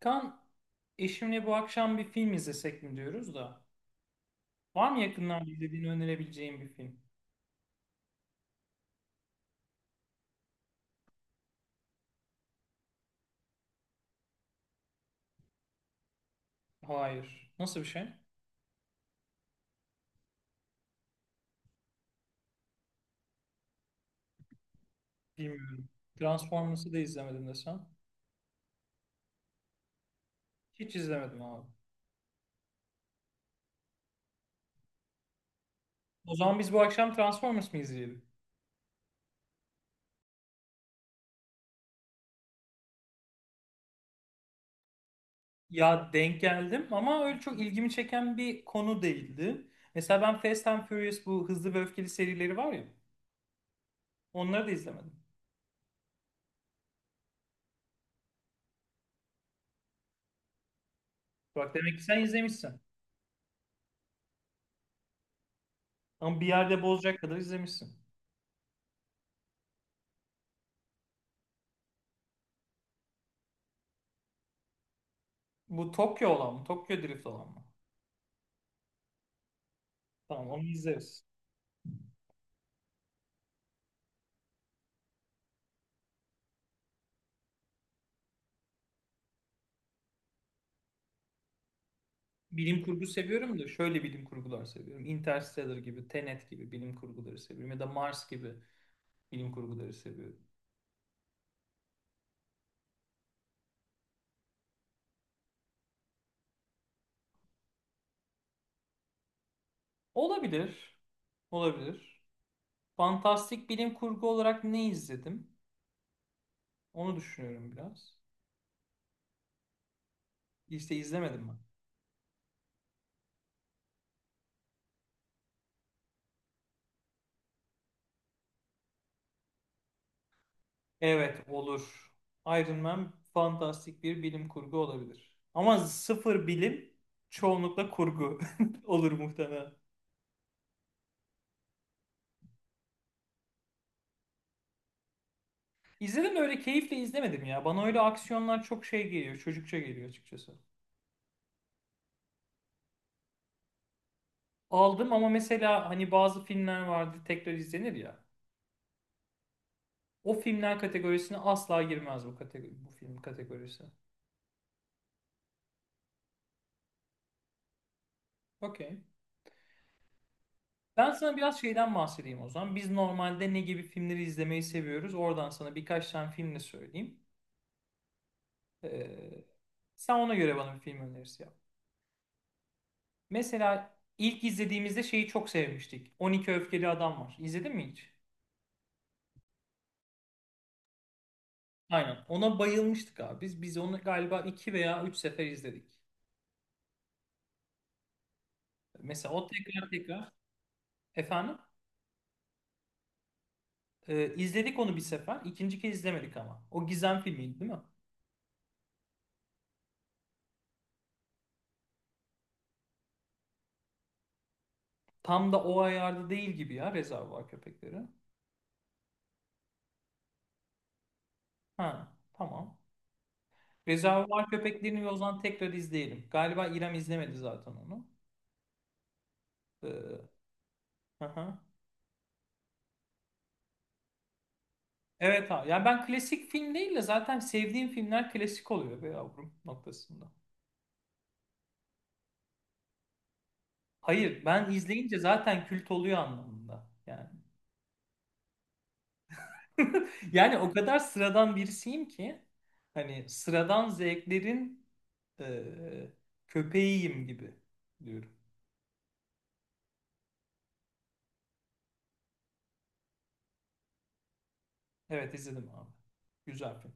Kan, eşimle bu akşam bir film izlesek mi diyoruz da. Var mı yakından izlediğini önerebileceğim bir film? Hayır. Nasıl bir şey? Bilmiyorum. Transformers'ı da izlemedim desem. Hiç izlemedim abi. O zaman biz bu akşam Transformers mı izleyelim? Ya denk geldim ama öyle çok ilgimi çeken bir konu değildi. Mesela ben Fast and Furious bu hızlı ve öfkeli serileri var ya. Onları da izlemedim. Bak demek ki sen izlemişsin. Ama bir yerde bozacak kadar izlemişsin. Bu Tokyo olan mı? Tokyo Drift olan mı? Tamam onu izleriz. Bilim kurgu seviyorum da şöyle bilim kurgular seviyorum. Interstellar gibi, Tenet gibi bilim kurguları seviyorum. Ya da Mars gibi bilim kurguları seviyorum. Olabilir. Olabilir. Fantastik bilim kurgu olarak ne izledim? Onu düşünüyorum biraz. İşte izlemedim ben. Evet olur. Iron Man fantastik bir bilim kurgu olabilir. Ama sıfır bilim çoğunlukla kurgu olur muhtemelen. İzledim de öyle keyifle izlemedim ya. Bana öyle aksiyonlar çok şey geliyor, çocukça geliyor açıkçası. Aldım ama mesela hani bazı filmler vardı tekrar izlenir ya. O filmler kategorisine asla girmez bu kategori, bu film kategorisi. Okey. Ben sana biraz şeyden bahsedeyim o zaman. Biz normalde ne gibi filmleri izlemeyi seviyoruz? Oradan sana birkaç tane film de söyleyeyim. Ee, sen ona göre bana bir film önerisi yap. Mesela ilk izlediğimizde şeyi çok sevmiştik. 12 Öfkeli Adam var. İzledin mi hiç? Aynen. Ona bayılmıştık abi. Biz onu galiba iki veya üç sefer izledik. Mesela o tekrar tekrar efendim izledik onu bir sefer. İkinci kez izlemedik ama. O gizem filmiydi değil mi? Tam da o ayarda değil gibi ya Rezervuar Köpekleri. Ha tamam. Rezervuar Köpeklerini ve o zaman tekrar izleyelim. Galiba İrem izlemedi zaten onu. Ee, hı hı. Evet abi. Yani ben klasik film değil de zaten sevdiğim filmler klasik oluyor be yavrum noktasında. Hayır ben izleyince zaten kült oluyor anlamında. Yani Yani o kadar sıradan birisiyim ki hani sıradan zevklerin e, köpeğiyim gibi diyorum. Evet izledim abi. Güzel film.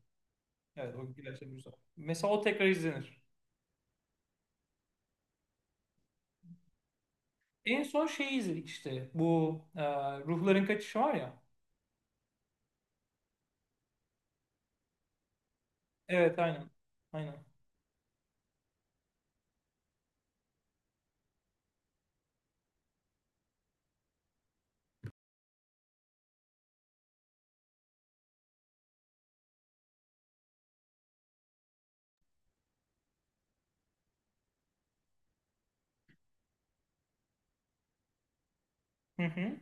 Evet o gerçekten güzel. Mesela o tekrar izlenir. En son şeyi izledik işte bu Ruhların Kaçışı var ya. Evet aynen. Aynen. Hı hı.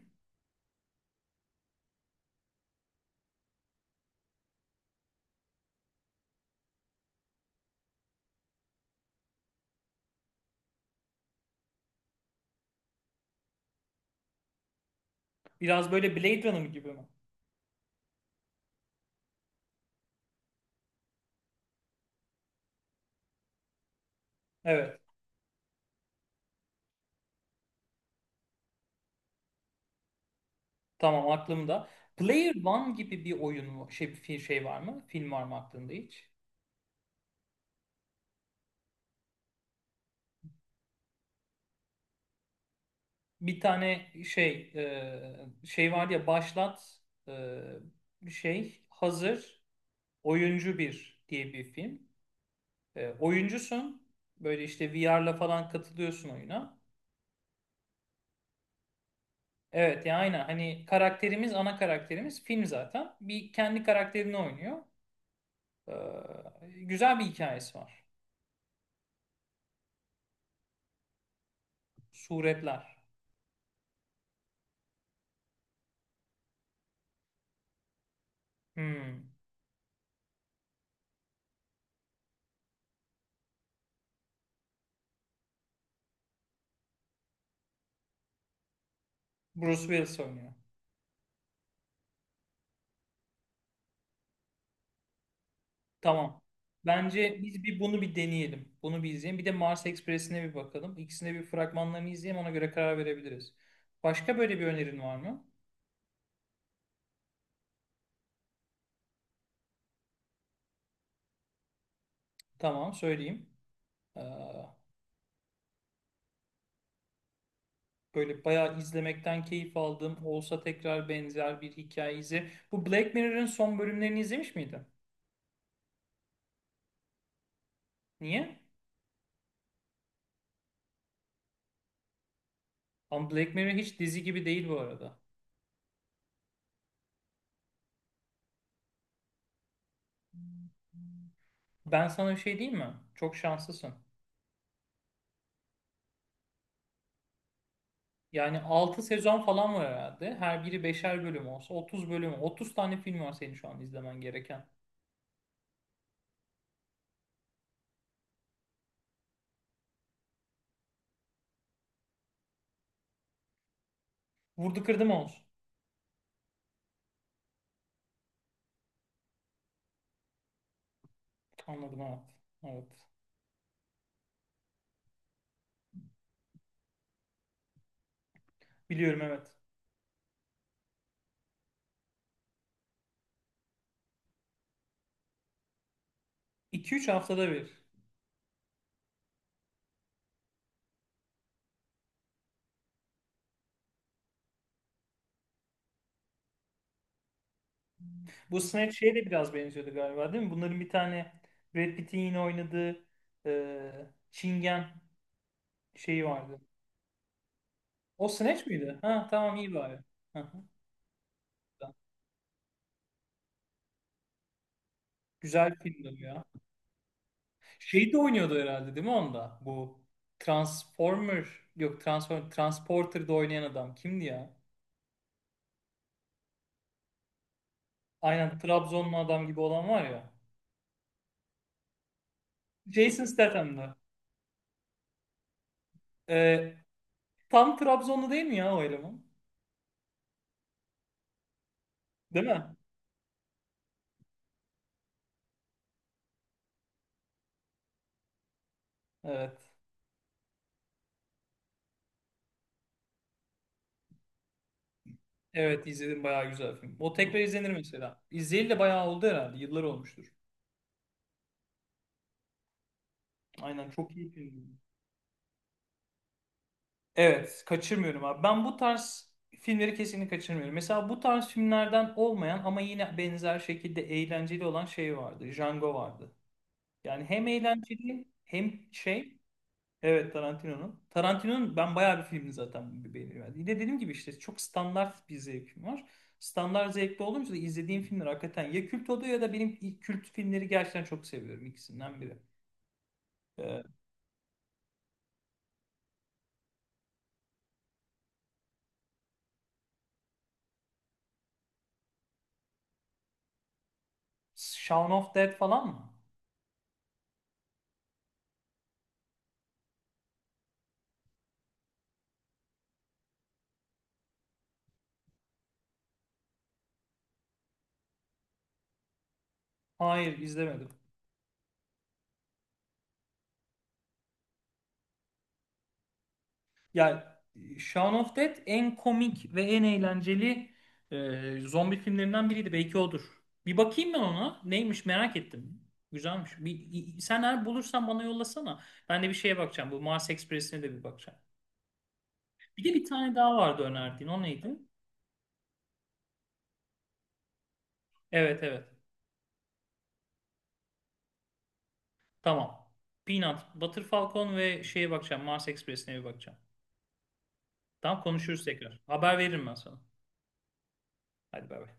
Biraz böyle Blade Runner gibi mi? Evet, tamam, aklımda. Player One gibi bir şey, bir şey var mı? Film var mı aklında hiç? Bir tane şey şey var ya başlat şey hazır oyuncu bir diye bir film. Oyuncusun böyle işte VR'la falan katılıyorsun oyuna. Evet ya aynen hani karakterimiz ana karakterimiz film zaten bir kendi karakterini oynuyor. Güzel bir hikayesi var. Suretler. Hmm. Bruce Willis oynuyor. Tamam. Bence biz bir bunu bir deneyelim. Bunu bir izleyelim. Bir de Mars Express'ine bir bakalım. İkisine bir fragmanlarını izleyelim. Ona göre karar verebiliriz. Başka böyle bir önerin var mı? Tamam, söyleyeyim. Ee, böyle bayağı izlemekten keyif aldığım olsa tekrar benzer bir hikaye izle. Bu Black Mirror'ın son bölümlerini izlemiş miydin? Niye? Ama Black Mirror hiç dizi gibi değil bu arada. Ben sana bir şey diyeyim mi? Çok şanslısın. Yani 6 sezon falan var herhalde. Her biri beşer bölüm olsa 30 bölüm. 30 tane film var senin şu an izlemen gereken. Vurdu kırdı mı olsun? Anladım, evet. Evet. Biliyorum, evet. 2-3 haftada bir. Bu Snatch şeye de biraz benziyordu galiba değil mi? Bunların bir tane Brad Pitt'in yine oynadığı Çingen şeyi vardı. O Snatch miydi? Ha, tamam, iyi bari. Hı hı. Güzel bir filmdi bu ya. Şey de oynuyordu herhalde değil mi onda? Bu Transformer, yok, Transporter'da oynayan adam kimdi ya? Aynen Trabzonlu adam gibi olan var ya. Jason Statham'dı. Ee, tam Trabzonlu değil mi ya o eleman? Değil mi? Evet. Evet izledim, bayağı güzel film. O tekrar izlenir mesela. İzleyeli de bayağı oldu herhalde. Yıllar olmuştur. Aynen, çok iyi film. Evet, kaçırmıyorum abi. Ben bu tarz filmleri kesinlikle kaçırmıyorum. Mesela bu tarz filmlerden olmayan ama yine benzer şekilde eğlenceli olan şey vardı. Django vardı. Yani hem eğlenceli hem şey. Evet, Tarantino'nun. Tarantino'nun ben bayağı bir filmini zaten beğeniyorum. Yine dediğim gibi işte çok standart bir zevkim var. Standart zevkte olunca da izlediğim filmler hakikaten ya kült oluyor ya da benim ilk kült filmleri gerçekten çok seviyorum, ikisinden biri. Ee, Shaun of Dead falan mı? Hayır, izlemedim. Ya, Shaun of Dead en komik ve en eğlenceli zombi filmlerinden biriydi. Belki odur. Bir bakayım ben ona. Neymiş, merak ettim. Güzelmiş. Bir, sen eğer bulursan bana yollasana. Ben de bir şeye bakacağım. Bu Mars Express'ine de bir bakacağım. Bir de bir tane daha vardı önerdiğin. O neydi? Evet, evet. Tamam. Peanut, Butter Falcon ve şeye bakacağım. Mars Express'ine bir bakacağım. Tamam, konuşuruz tekrar. Haber veririm ben sana. Hadi, bay bay.